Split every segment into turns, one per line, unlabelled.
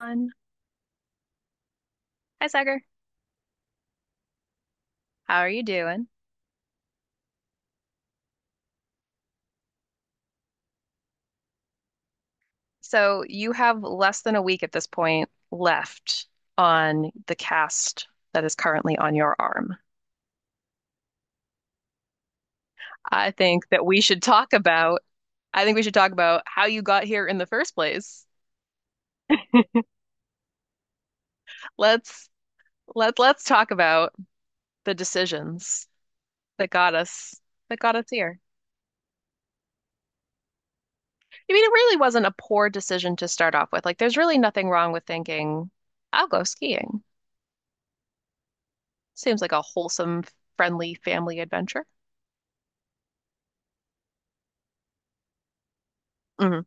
One. Hi, Sagar. How are you doing? So you have less than a week at this point left on the cast that is currently on your arm. I think that we should talk about I think we should talk about how you got here in the first place. Let's let's talk about the decisions that got us that got us here. I mean, it really wasn't a poor decision to start off with. Like, there's really nothing wrong with thinking, I'll go skiing. Seems like a wholesome, friendly family adventure. Hmm.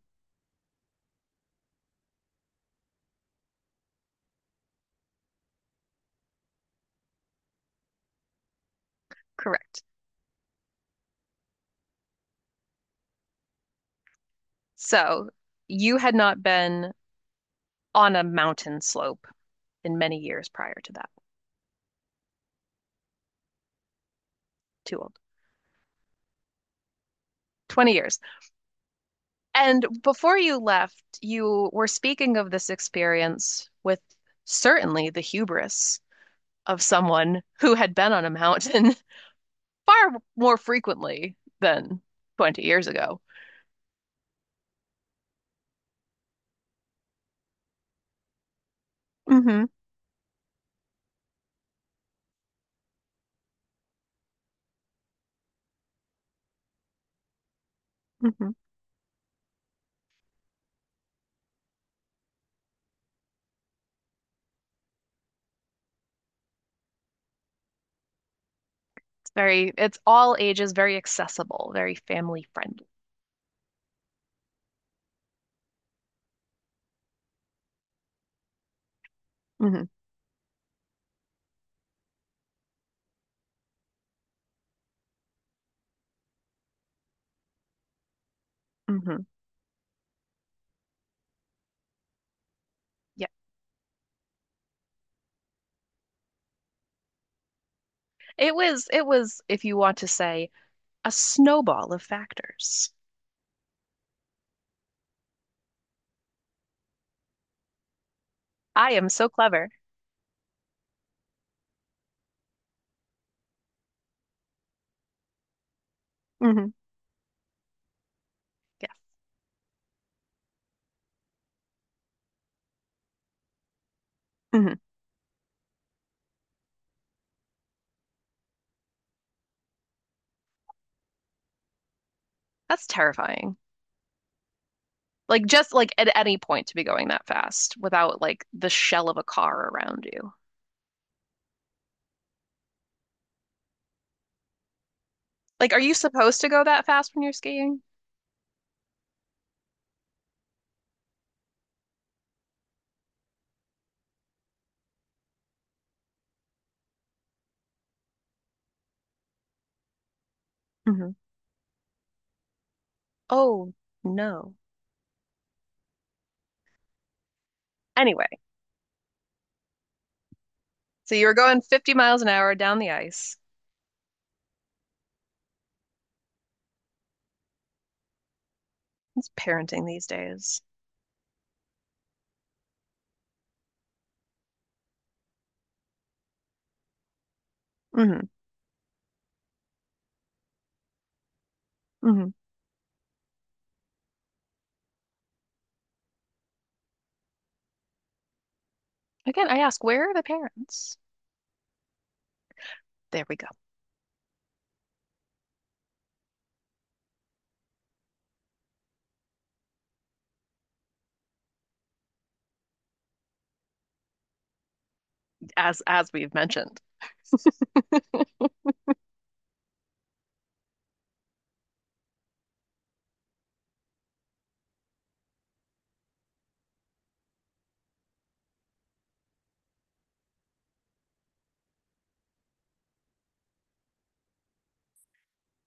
Correct. So you had not been on a mountain slope in many years prior to that. Too old. 20 years. And before you left, you were speaking of this experience with certainly the hubris of someone who had been on a mountain far more frequently than 20 years ago. Hmm. Hmm. It's all ages, very accessible, very family friendly. Hmm. Hmm. Yeah. It was, if you want to say, a snowball of factors. I am so clever. Hmm. Yeah. Hmm. That's terrifying. Like just like at any point to be going that fast without like the shell of a car around you. Like, are you supposed to go that fast when you're skiing? Hmm. Oh, no. Anyway, so you were going 50 miles an hour down the ice. It's parenting these days. Hmm. Hmm. Again, I ask, where are the parents? There we go. As we've mentioned.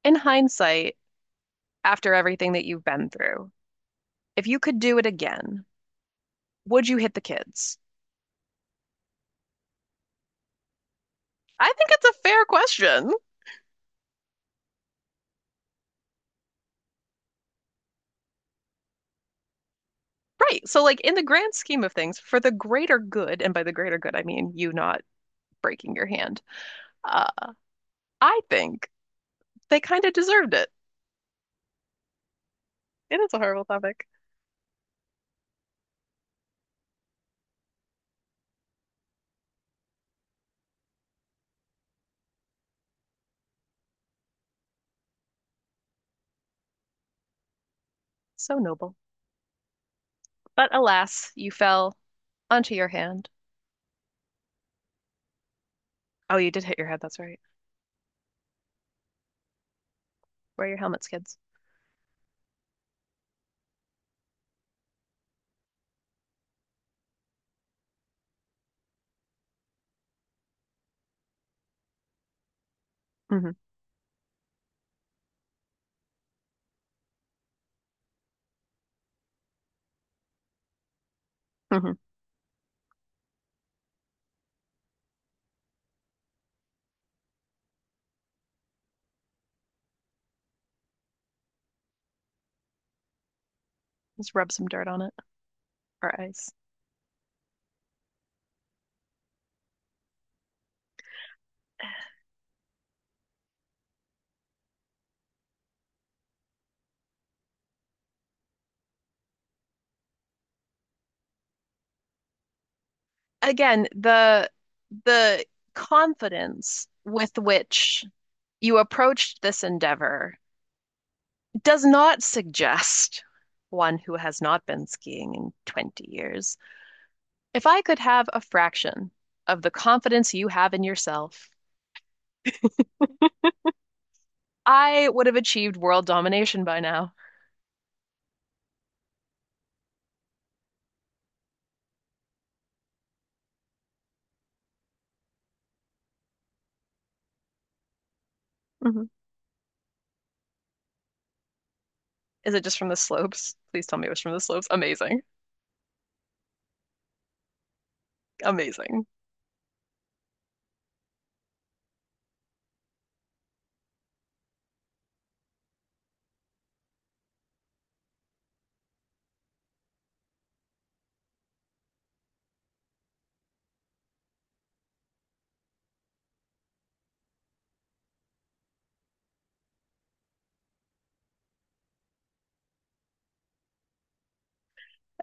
In hindsight, after everything that you've been through, if you could do it again, would you hit the kids? I think it's a fair question. Right. So, like, in the grand scheme of things, for the greater good, and by the greater good, I mean you not breaking your hand, uh, I think they kind of deserved it. It is a horrible topic. So noble. But alas, you fell onto your hand. Oh, you did hit your head. That's right. Wear your helmets, kids. Hmm. Hmm. Just rub some dirt on it or ice. Again, the confidence with which you approached this endeavor does not suggest one who has not been skiing in 20 years. If I could have a fraction of the confidence you have in yourself, I would have achieved world domination by now. Mhm. Is it just from the slopes? Please tell me it was from the slopes. Amazing. Amazing.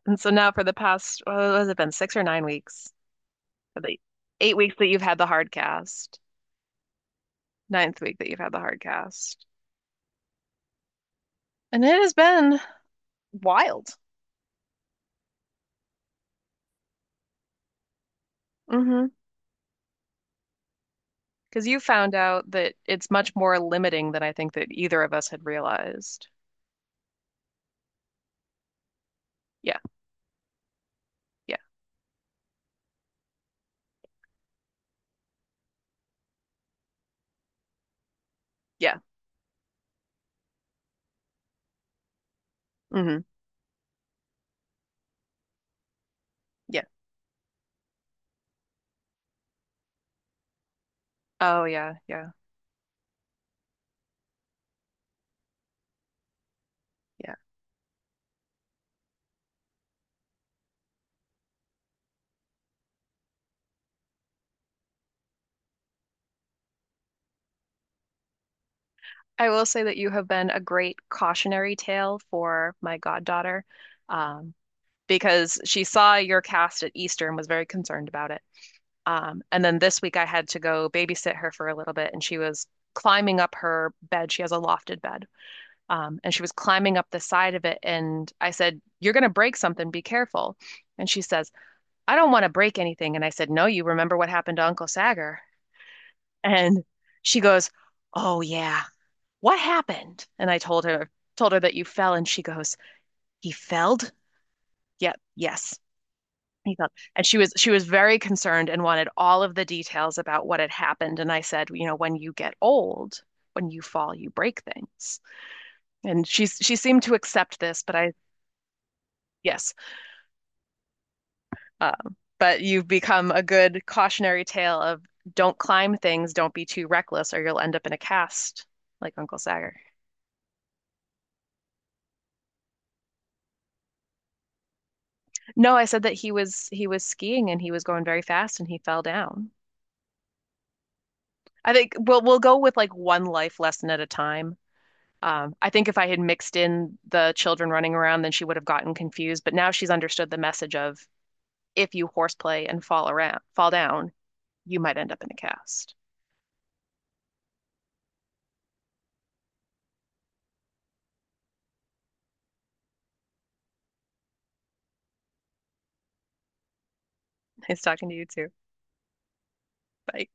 And so now for the past, what has it been, 6 or 9 weeks? The 8 weeks that you've had the hard cast, ninth week that you've had the hard cast. And it has been wild. Mm-hmm. Because you found out that it's much more limiting than I think that either of us had realized. Yeah, yeah, yeah. Hmm. Yeah. Oh, yeah, yeah, yeah. I will say that you have been a great cautionary tale for my goddaughter, um, because she saw your cast at Easter and was very concerned about it. And then this week I had to go babysit her for a little bit, and she was climbing up her bed. She has a lofted bed. And she was climbing up the side of it, and I said, "You're going to break something. Be careful." And she says, I don't want to break anything. And I said, No, you remember what happened to Uncle Sagar? And she goes, Oh yeah, what happened? And I told her that you fell, and she goes, He felled? Yep, yes. He fell. And she was very concerned and wanted all of the details about what had happened. And I said, you know, when you get old, when you fall, you break things. And she seemed to accept this, but I yes. But you've become a good cautionary tale of don't climb things, don't be too reckless, or you'll end up in a cast, like Uncle Sagar. No, I said that he was skiing and he was going very fast and he fell down. I think we'll go with like one life lesson at a time. I think if I had mixed in the children running around, then she would have gotten confused. But now she's understood the message of if you horseplay and fall around, fall down, you might end up in a cast. Nice talking to you too. Bye.